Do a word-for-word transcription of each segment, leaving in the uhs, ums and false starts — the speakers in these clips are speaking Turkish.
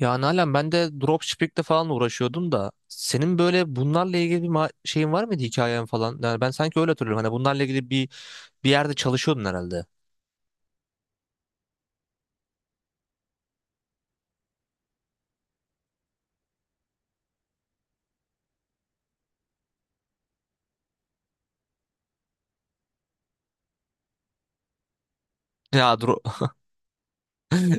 Ya Nalan ben de dropshipping'le falan uğraşıyordum da senin böyle bunlarla ilgili bir ma- şeyin var mıydı, hikayen falan? Yani ben sanki öyle hatırlıyorum. Hani bunlarla ilgili bir bir yerde çalışıyordun herhalde. Ya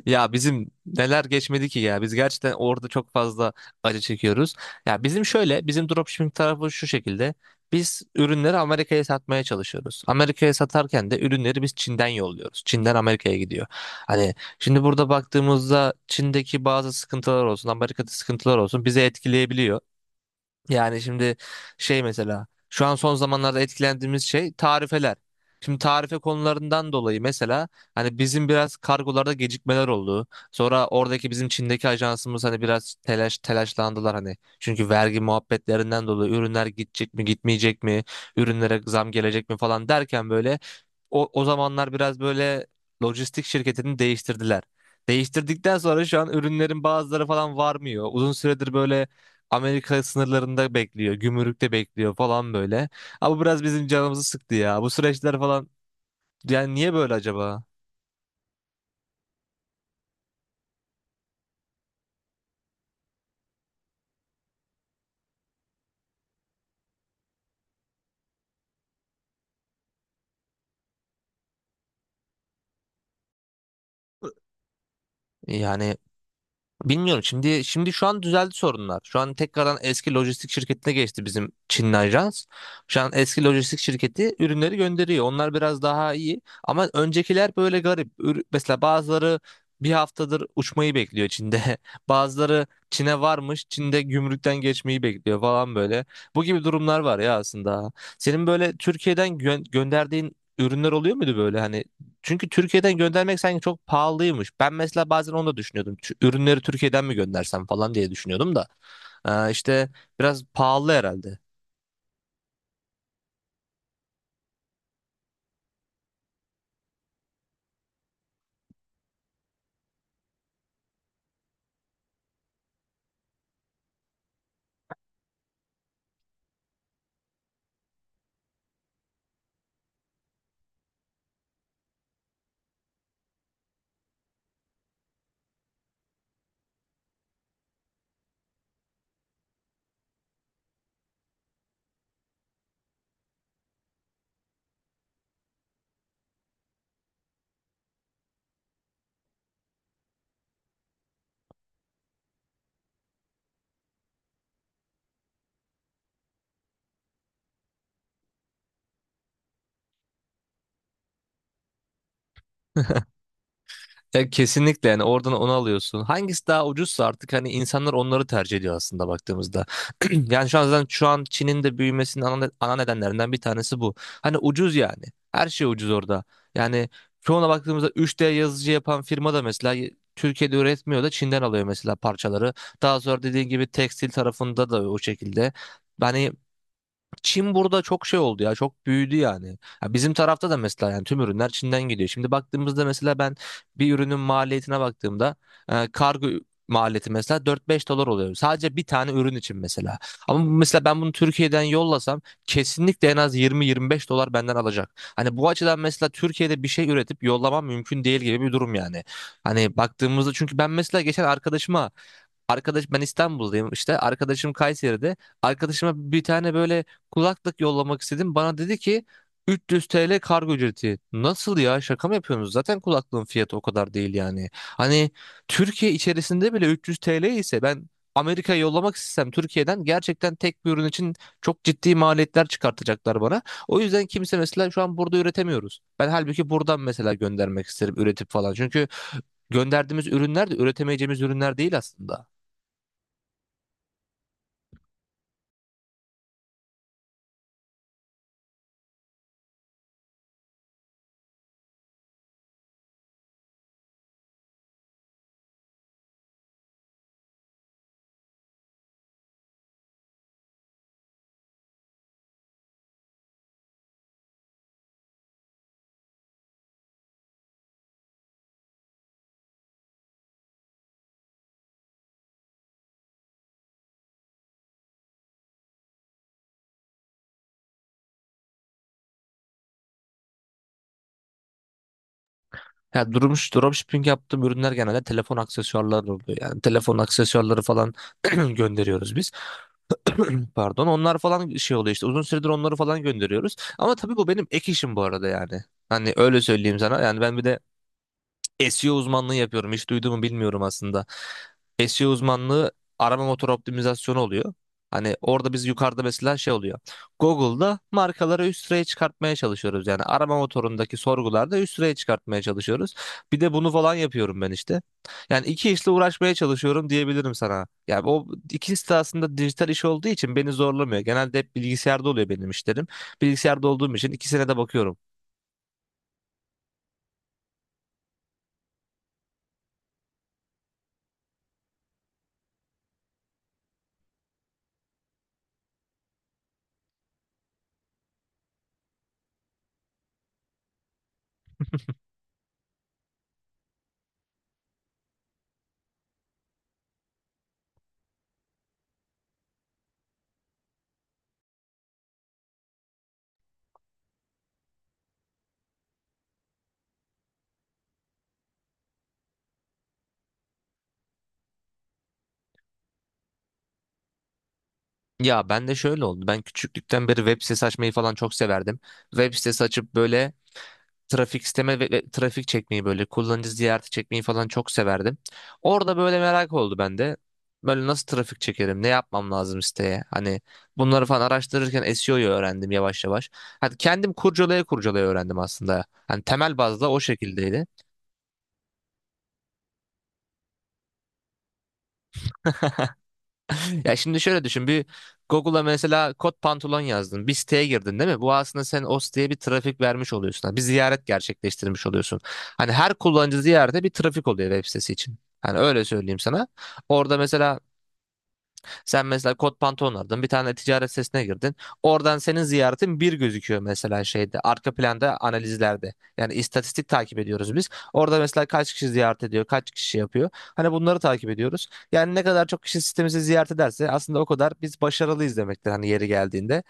Ya bizim neler geçmedi ki ya. Biz gerçekten orada çok fazla acı çekiyoruz. Ya bizim şöyle, bizim dropshipping tarafı şu şekilde. Biz ürünleri Amerika'ya satmaya çalışıyoruz. Amerika'ya satarken de ürünleri biz Çin'den yolluyoruz. Çin'den Amerika'ya gidiyor. Hani şimdi burada baktığımızda Çin'deki bazı sıkıntılar olsun, Amerika'da sıkıntılar olsun bizi etkileyebiliyor. Yani şimdi şey, mesela şu an son zamanlarda etkilendiğimiz şey tarifeler. Şimdi tarife konularından dolayı mesela hani bizim biraz kargolarda gecikmeler oldu. Sonra oradaki bizim Çin'deki ajansımız hani biraz telaş telaşlandılar hani. Çünkü vergi muhabbetlerinden dolayı ürünler gidecek mi gitmeyecek mi? Ürünlere zam gelecek mi falan derken böyle o, o zamanlar biraz böyle lojistik şirketini değiştirdiler. Değiştirdikten sonra şu an ürünlerin bazıları falan varmıyor. Uzun süredir böyle Amerika sınırlarında bekliyor, gümrükte bekliyor falan böyle. Ama bu biraz bizim canımızı sıktı ya. Bu süreçler falan, yani niye böyle acaba? Yani bilmiyorum. Şimdi şimdi şu an düzeldi sorunlar. Şu an tekrardan eski lojistik şirketine geçti bizim Çinli ajans. Şu an eski lojistik şirketi ürünleri gönderiyor. Onlar biraz daha iyi ama öncekiler böyle garip. Ür- Mesela bazıları bir haftadır uçmayı bekliyor Çin'de. Bazıları Çin'e varmış, Çin'de gümrükten geçmeyi bekliyor falan böyle. Bu gibi durumlar var ya aslında. Senin böyle Türkiye'den gö- gönderdiğin ürünler oluyor muydu böyle? Hani çünkü Türkiye'den göndermek sanki çok pahalıymış. Ben mesela bazen onu da düşünüyordum. Şu ürünleri Türkiye'den mi göndersem falan diye düşünüyordum da. Ee, işte biraz pahalı herhalde. Ya kesinlikle, yani oradan onu alıyorsun. Hangisi daha ucuzsa artık hani insanlar onları tercih ediyor aslında baktığımızda. Yani şu an zaten şu an Çin'in de büyümesinin ana, ana nedenlerinden bir tanesi bu. Hani ucuz yani. Her şey ucuz orada. Yani çoğuna baktığımızda üç D yazıcı yapan firma da mesela Türkiye'de üretmiyor da Çin'den alıyor mesela parçaları. Daha sonra dediğin gibi tekstil tarafında da o şekilde. Yani Çin burada çok şey oldu ya, çok büyüdü yani. Ya bizim tarafta da mesela, yani tüm ürünler Çin'den geliyor. Şimdi baktığımızda mesela ben bir ürünün maliyetine baktığımda e, kargo maliyeti mesela dört beş dolar oluyor. Sadece bir tane ürün için mesela. Ama bu- mesela ben bunu Türkiye'den yollasam kesinlikle en az yirmi yirmi beş dolar benden alacak. Hani bu açıdan mesela Türkiye'de bir şey üretip yollamam mümkün değil gibi bir durum yani. Hani baktığımızda, çünkü ben mesela geçen arkadaşıma, arkadaş ben İstanbul'dayım işte, arkadaşım Kayseri'de. Arkadaşıma bir tane böyle kulaklık yollamak istedim. Bana dedi ki üç yüz T L kargo ücreti. Nasıl ya, şaka mı yapıyorsunuz? Zaten kulaklığın fiyatı o kadar değil yani. Hani Türkiye içerisinde bile üç yüz T L ise ben Amerika'ya yollamak istesem Türkiye'den gerçekten tek bir ürün için çok ciddi maliyetler çıkartacaklar bana. O yüzden kimse mesela şu an burada üretemiyoruz. Ben halbuki buradan mesela göndermek isterim üretip falan. Çünkü gönderdiğimiz ürünler de üretemeyeceğimiz ürünler değil aslında. Ya durmuş, dropshipping yaptığım ürünler genelde telefon aksesuarları oluyor. Yani telefon aksesuarları falan gönderiyoruz biz. Pardon. Onlar falan şey oluyor işte. Uzun süredir onları falan gönderiyoruz. Ama tabii bu benim ek işim bu arada yani. Hani öyle söyleyeyim sana. Yani ben bir de S E O uzmanlığı yapıyorum. Hiç duyduğumu bilmiyorum aslında. S E O uzmanlığı arama motor optimizasyonu oluyor. Hani orada biz yukarıda mesela şey oluyor. Google'da markaları üst sıraya çıkartmaya çalışıyoruz. Yani arama motorundaki sorgularda üst sıraya çıkartmaya çalışıyoruz. Bir de bunu falan yapıyorum ben işte. Yani iki işle uğraşmaya çalışıyorum diyebilirim sana. Yani o ikisi de aslında dijital iş olduğu için beni zorlamıyor. Genelde hep bilgisayarda oluyor benim işlerim. Bilgisayarda olduğum için ikisine de bakıyorum. Ya ben de şöyle oldu. Ben küçüklükten beri web sitesi açmayı falan çok severdim. Web sitesi açıp böyle trafik isteme ve, ve trafik çekmeyi, böyle kullanıcı ziyareti çekmeyi falan çok severdim. Orada böyle merak oldu bende. Böyle nasıl trafik çekerim? Ne yapmam lazım siteye? Hani bunları falan araştırırken S E O'yu öğrendim yavaş yavaş. Hani kendim kurcalaya kurcalaya öğrendim aslında. Hani temel bazda o şekildeydi. Ya şimdi şöyle düşün bir, Google'a mesela kot pantolon yazdın, bir siteye girdin değil mi? Bu aslında sen o siteye bir trafik vermiş oluyorsun. Hani bir ziyaret gerçekleştirmiş oluyorsun. Hani her kullanıcı ziyarete bir trafik oluyor web sitesi için. Hani öyle söyleyeyim sana. Orada mesela sen mesela kot pantolon aldın, bir tane ticaret sitesine girdin. Oradan senin ziyaretin bir gözüküyor mesela şeyde, arka planda analizlerde. Yani istatistik takip ediyoruz biz. Orada mesela kaç kişi ziyaret ediyor, kaç kişi yapıyor. Hani bunları takip ediyoruz. Yani ne kadar çok kişi sitemizi ziyaret ederse aslında o kadar biz başarılıyız demektir hani yeri geldiğinde.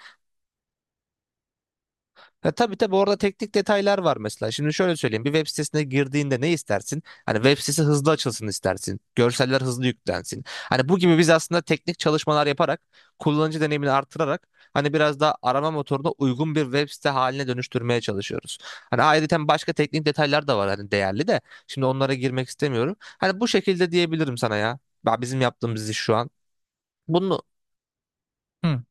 Ya tabii tabii, orada teknik detaylar var mesela. Şimdi şöyle söyleyeyim. Bir web sitesine girdiğinde ne istersin? Hani web sitesi hızlı açılsın istersin. Görseller hızlı yüklensin. Hani bu gibi, biz aslında teknik çalışmalar yaparak, kullanıcı deneyimini artırarak hani biraz daha arama motoruna uygun bir web site haline dönüştürmeye çalışıyoruz. Hani ayrıca başka teknik detaylar da var hani, değerli de. Şimdi onlara girmek istemiyorum. Hani bu şekilde diyebilirim sana ya. Ya, bizim yaptığımız iş şu an. Bunu Hı.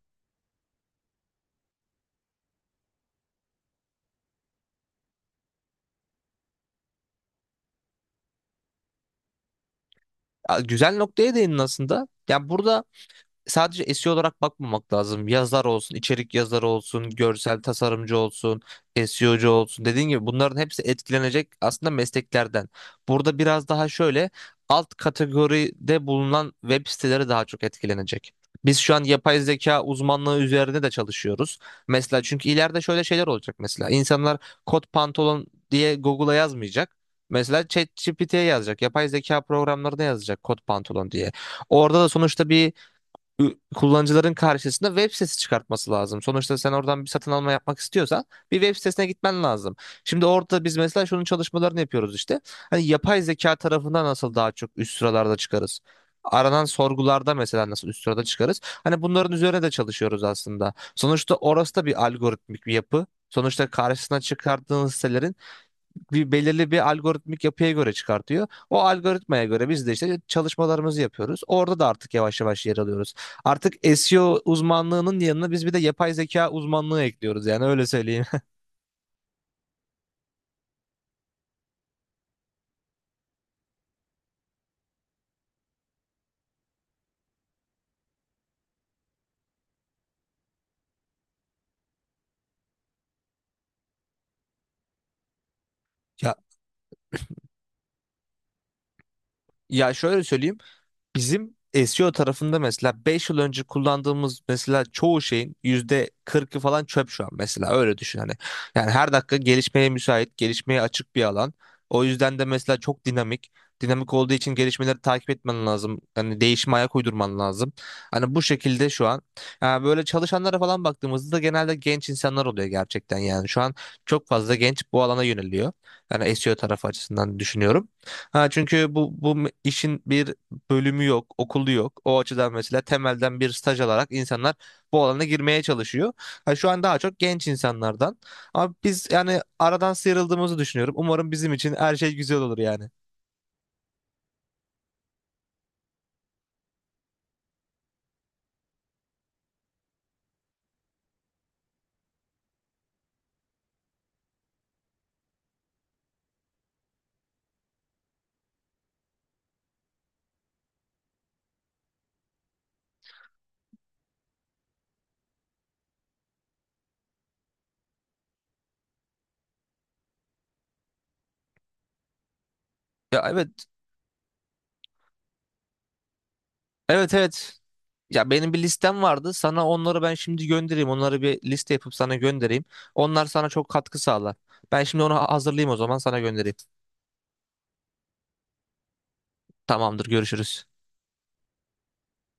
ya Güzel noktaya değindin aslında. Ya burada sadece S E O olarak bakmamak lazım. Yazar olsun, içerik yazarı olsun, görsel tasarımcı olsun, S E O'cu olsun. Dediğim gibi bunların hepsi etkilenecek aslında mesleklerden. Burada biraz daha şöyle alt kategoride bulunan web siteleri daha çok etkilenecek. Biz şu an yapay zeka uzmanlığı üzerine de çalışıyoruz. Mesela çünkü ileride şöyle şeyler olacak mesela. İnsanlar kot pantolon diye Google'a yazmayacak. Mesela ChatGPT'ye yazacak. Yapay zeka programlarına yazacak kot pantolon diye. Orada da sonuçta bir, ü- kullanıcıların karşısında web sitesi çıkartması lazım. Sonuçta sen oradan bir satın alma yapmak istiyorsan bir web sitesine gitmen lazım. Şimdi orada biz mesela şunun çalışmalarını yapıyoruz işte. Hani yapay zeka tarafından nasıl daha çok üst sıralarda çıkarız? Aranan sorgularda mesela nasıl üst sırada çıkarız? Hani bunların üzerine de çalışıyoruz aslında. Sonuçta orası da bir algoritmik bir yapı. Sonuçta karşısına çıkardığınız sitelerin bir belirli bir algoritmik yapıya göre çıkartıyor. O algoritmaya göre biz de işte çalışmalarımızı yapıyoruz. Orada da artık yavaş yavaş yer alıyoruz. Artık S E O uzmanlığının yanına biz bir de yapay zeka uzmanlığı ekliyoruz yani, öyle söyleyeyim. Ya ya şöyle söyleyeyim. Bizim S E O tarafında mesela beş yıl önce kullandığımız mesela çoğu şeyin yüzde kırkı falan çöp şu an mesela, öyle düşün hani. Yani her dakika gelişmeye müsait, gelişmeye açık bir alan. O yüzden de mesela çok dinamik. Dinamik olduğu için gelişmeleri takip etmen lazım. Hani değişime ayak uydurman lazım. Hani bu şekilde şu an. Yani böyle çalışanlara falan baktığımızda da genelde genç insanlar oluyor gerçekten yani. Şu an çok fazla genç bu alana yöneliyor. Yani S E O tarafı açısından düşünüyorum. Ha, çünkü bu bu me- işin bir bölümü yok, okulu yok. O açıdan mesela temelden bir staj alarak insanlar bu alana girmeye çalışıyor. Ha, şu an daha çok genç insanlardan. Ama biz yani aradan sıyrıldığımızı düşünüyorum. Umarım bizim için her şey güzel olur yani. Ya evet, evet, evet. Ya benim bir listem vardı. Sana onları ben şimdi göndereyim. Onları bir liste yapıp sana göndereyim. Onlar sana çok katkı sağlar. Ben şimdi onu hazırlayayım, o zaman sana göndereyim. Tamamdır, görüşürüz.